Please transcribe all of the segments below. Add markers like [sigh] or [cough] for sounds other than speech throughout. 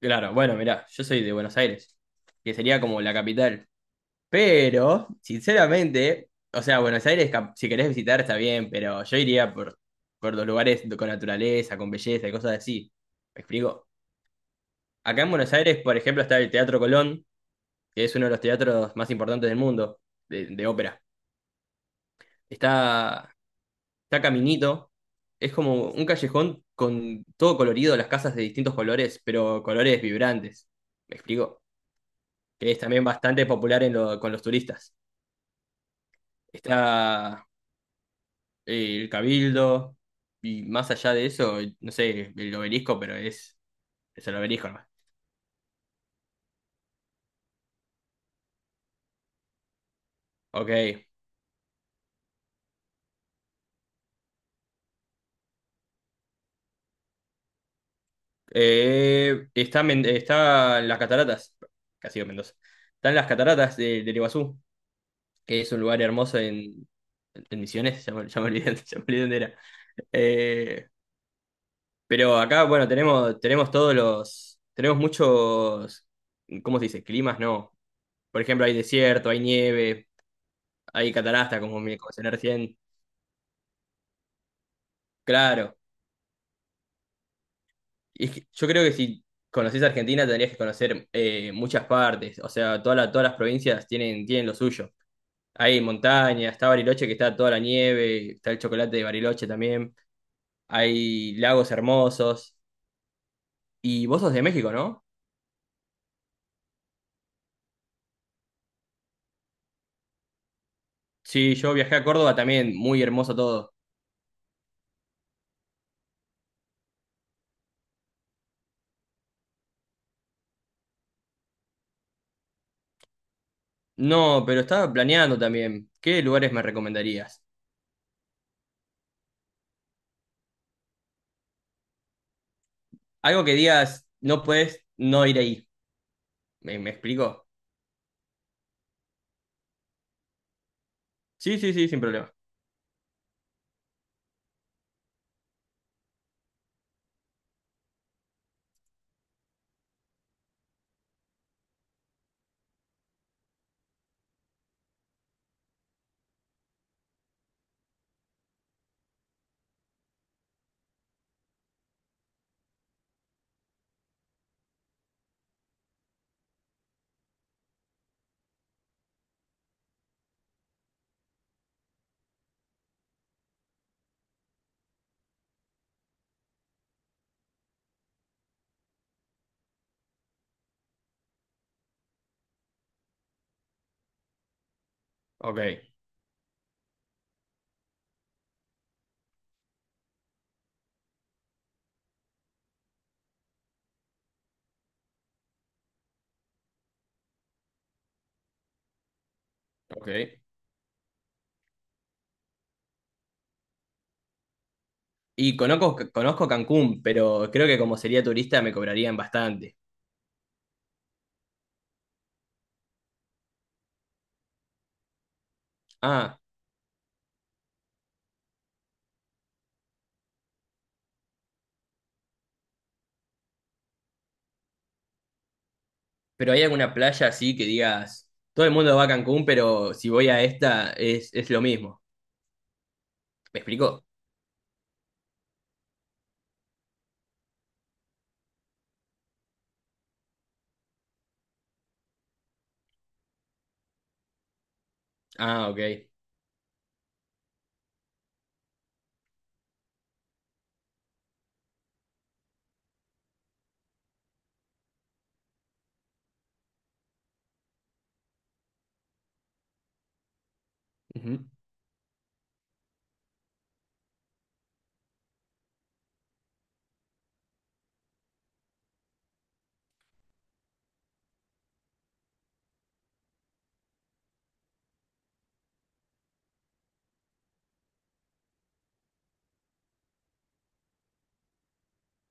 Claro, bueno, mirá, yo soy de Buenos Aires, que sería como la capital. Pero, sinceramente, o sea, Buenos Aires, si querés visitar, está bien, pero yo iría por los lugares con naturaleza, con belleza y cosas así. ¿Me explico? Acá en Buenos Aires, por ejemplo, está el Teatro Colón, que es uno de los teatros más importantes del mundo, de ópera. Está, está Caminito, es como un callejón con todo colorido, las casas de distintos colores, pero colores vibrantes. ¿Me explico? Que es también bastante popular en con los turistas. Está el Cabildo, y más allá de eso, no sé, el obelisco, pero es el obelisco nomás. Ok. Está las cataratas, casi digo Mendoza. Están las cataratas del Iguazú, que es un lugar hermoso en Misiones, ya me olvidé, [laughs] ya me olvidé dónde era. Eh, pero acá, bueno, tenemos todos tenemos muchos, ¿cómo se dice? Climas, no. Por ejemplo, hay desierto, hay nieve, hay catarata, como me mencioné recién. Claro. Y es que yo creo que si conocés Argentina tendrías que conocer muchas partes. O sea, todas las provincias tienen, tienen lo suyo. Hay montañas, está Bariloche que está toda la nieve, está el chocolate de Bariloche también. Hay lagos hermosos. Y vos sos de México, ¿no? Sí, yo viajé a Córdoba también, muy hermoso todo. No, pero estaba planeando también. ¿Qué lugares me recomendarías? Algo que digas, no puedes no ir ahí. ¿Me explico? Sí, sí, sí, sin problema. Ok, ok. Y conozco Cancún, pero creo que como sería turista me cobrarían bastante. Ah, pero ¿hay alguna playa así que digas, todo el mundo va a Cancún, pero si voy a esta es lo mismo? ¿Me explico? Ah, ok. Ujú.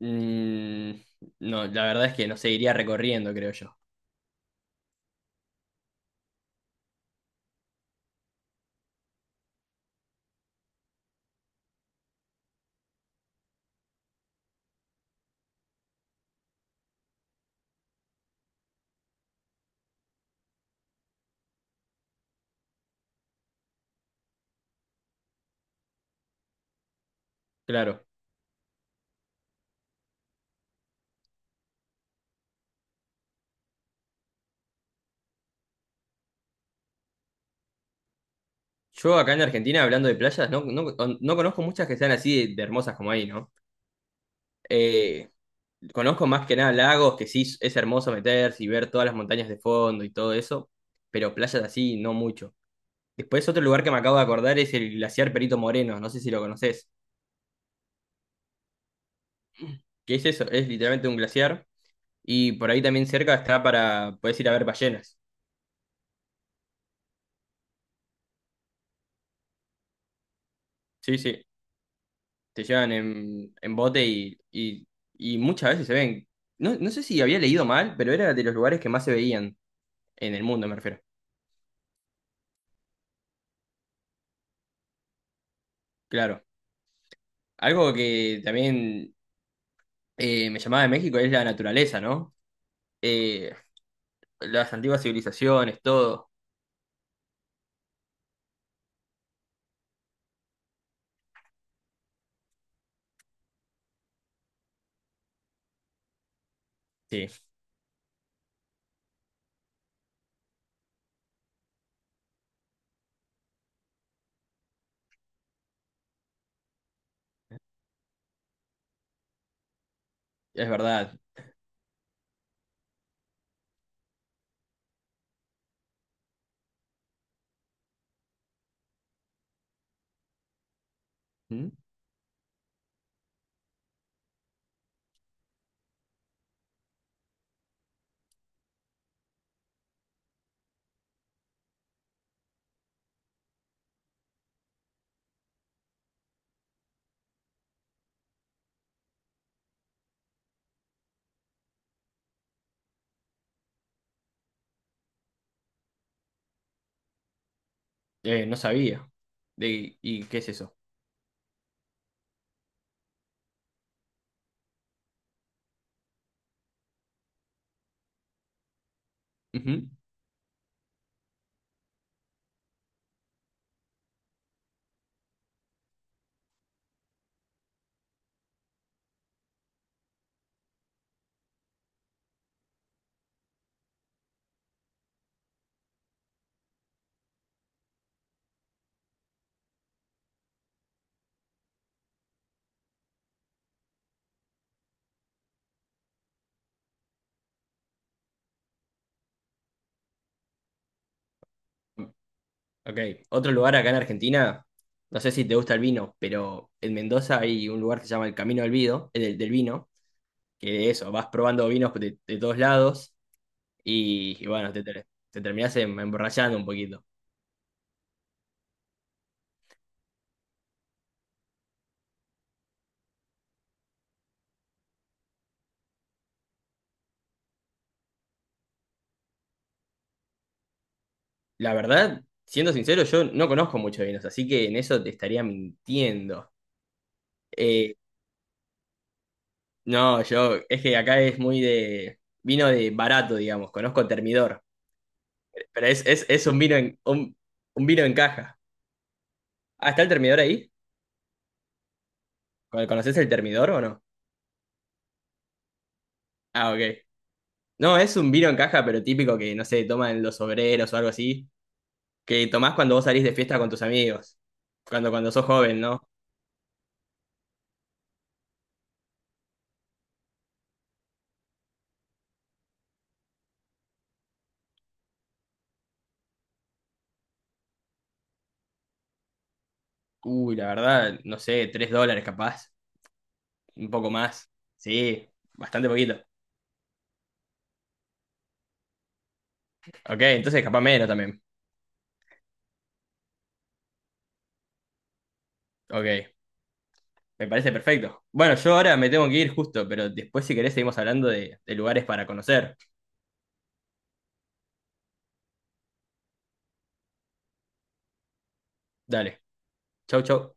Mm, no, la verdad es que no seguiría recorriendo, creo yo. Claro. Yo acá en Argentina, hablando de playas, no conozco muchas que sean así de hermosas como ahí, ¿no? Eh, conozco más que nada lagos, que sí es hermoso meterse y ver todas las montañas de fondo y todo eso, pero playas así no mucho. Después otro lugar que me acabo de acordar es el glaciar Perito Moreno, no sé si lo conoces. ¿Qué es eso? Es literalmente un glaciar y por ahí también cerca está para, puedes ir a ver ballenas. Sí, sí, te llevan en bote y muchas veces se ven. No, no sé si había leído mal, pero era de los lugares que más se veían en el mundo, me refiero. Claro. Algo que también me llamaba de México es la naturaleza, ¿no? Eh, las antiguas civilizaciones, todo. Sí, es verdad. ¿Mm? No sabía. De, ¿y qué es eso? Ujú. Ok, otro lugar acá en Argentina, no sé si te gusta el vino, pero en Mendoza hay un lugar que se llama el Camino del Vido, del vino, que de eso, vas probando vinos de todos lados y bueno, te terminás emborrachando un poquito. La verdad, siendo sincero, yo no conozco mucho de vinos, así que en eso te estaría mintiendo. Eh, No, yo, es que acá es muy de vino de barato, digamos, conozco Termidor, pero es un vino un vino en caja. Ah, ¿está el Termidor ahí? ¿Conoces el Termidor o no? Ah, ok. No, es un vino en caja, pero típico que, no sé, toman los obreros o algo así, que tomás cuando vos salís de fiesta con tus amigos, cuando sos joven, ¿no? Uy, la verdad, no sé, $3 capaz, un poco más. Sí, bastante poquito. Ok, entonces capaz menos también. Ok. Me parece perfecto. Bueno, yo ahora me tengo que ir justo, pero después si querés seguimos hablando de lugares para conocer. Dale. Chau, chau.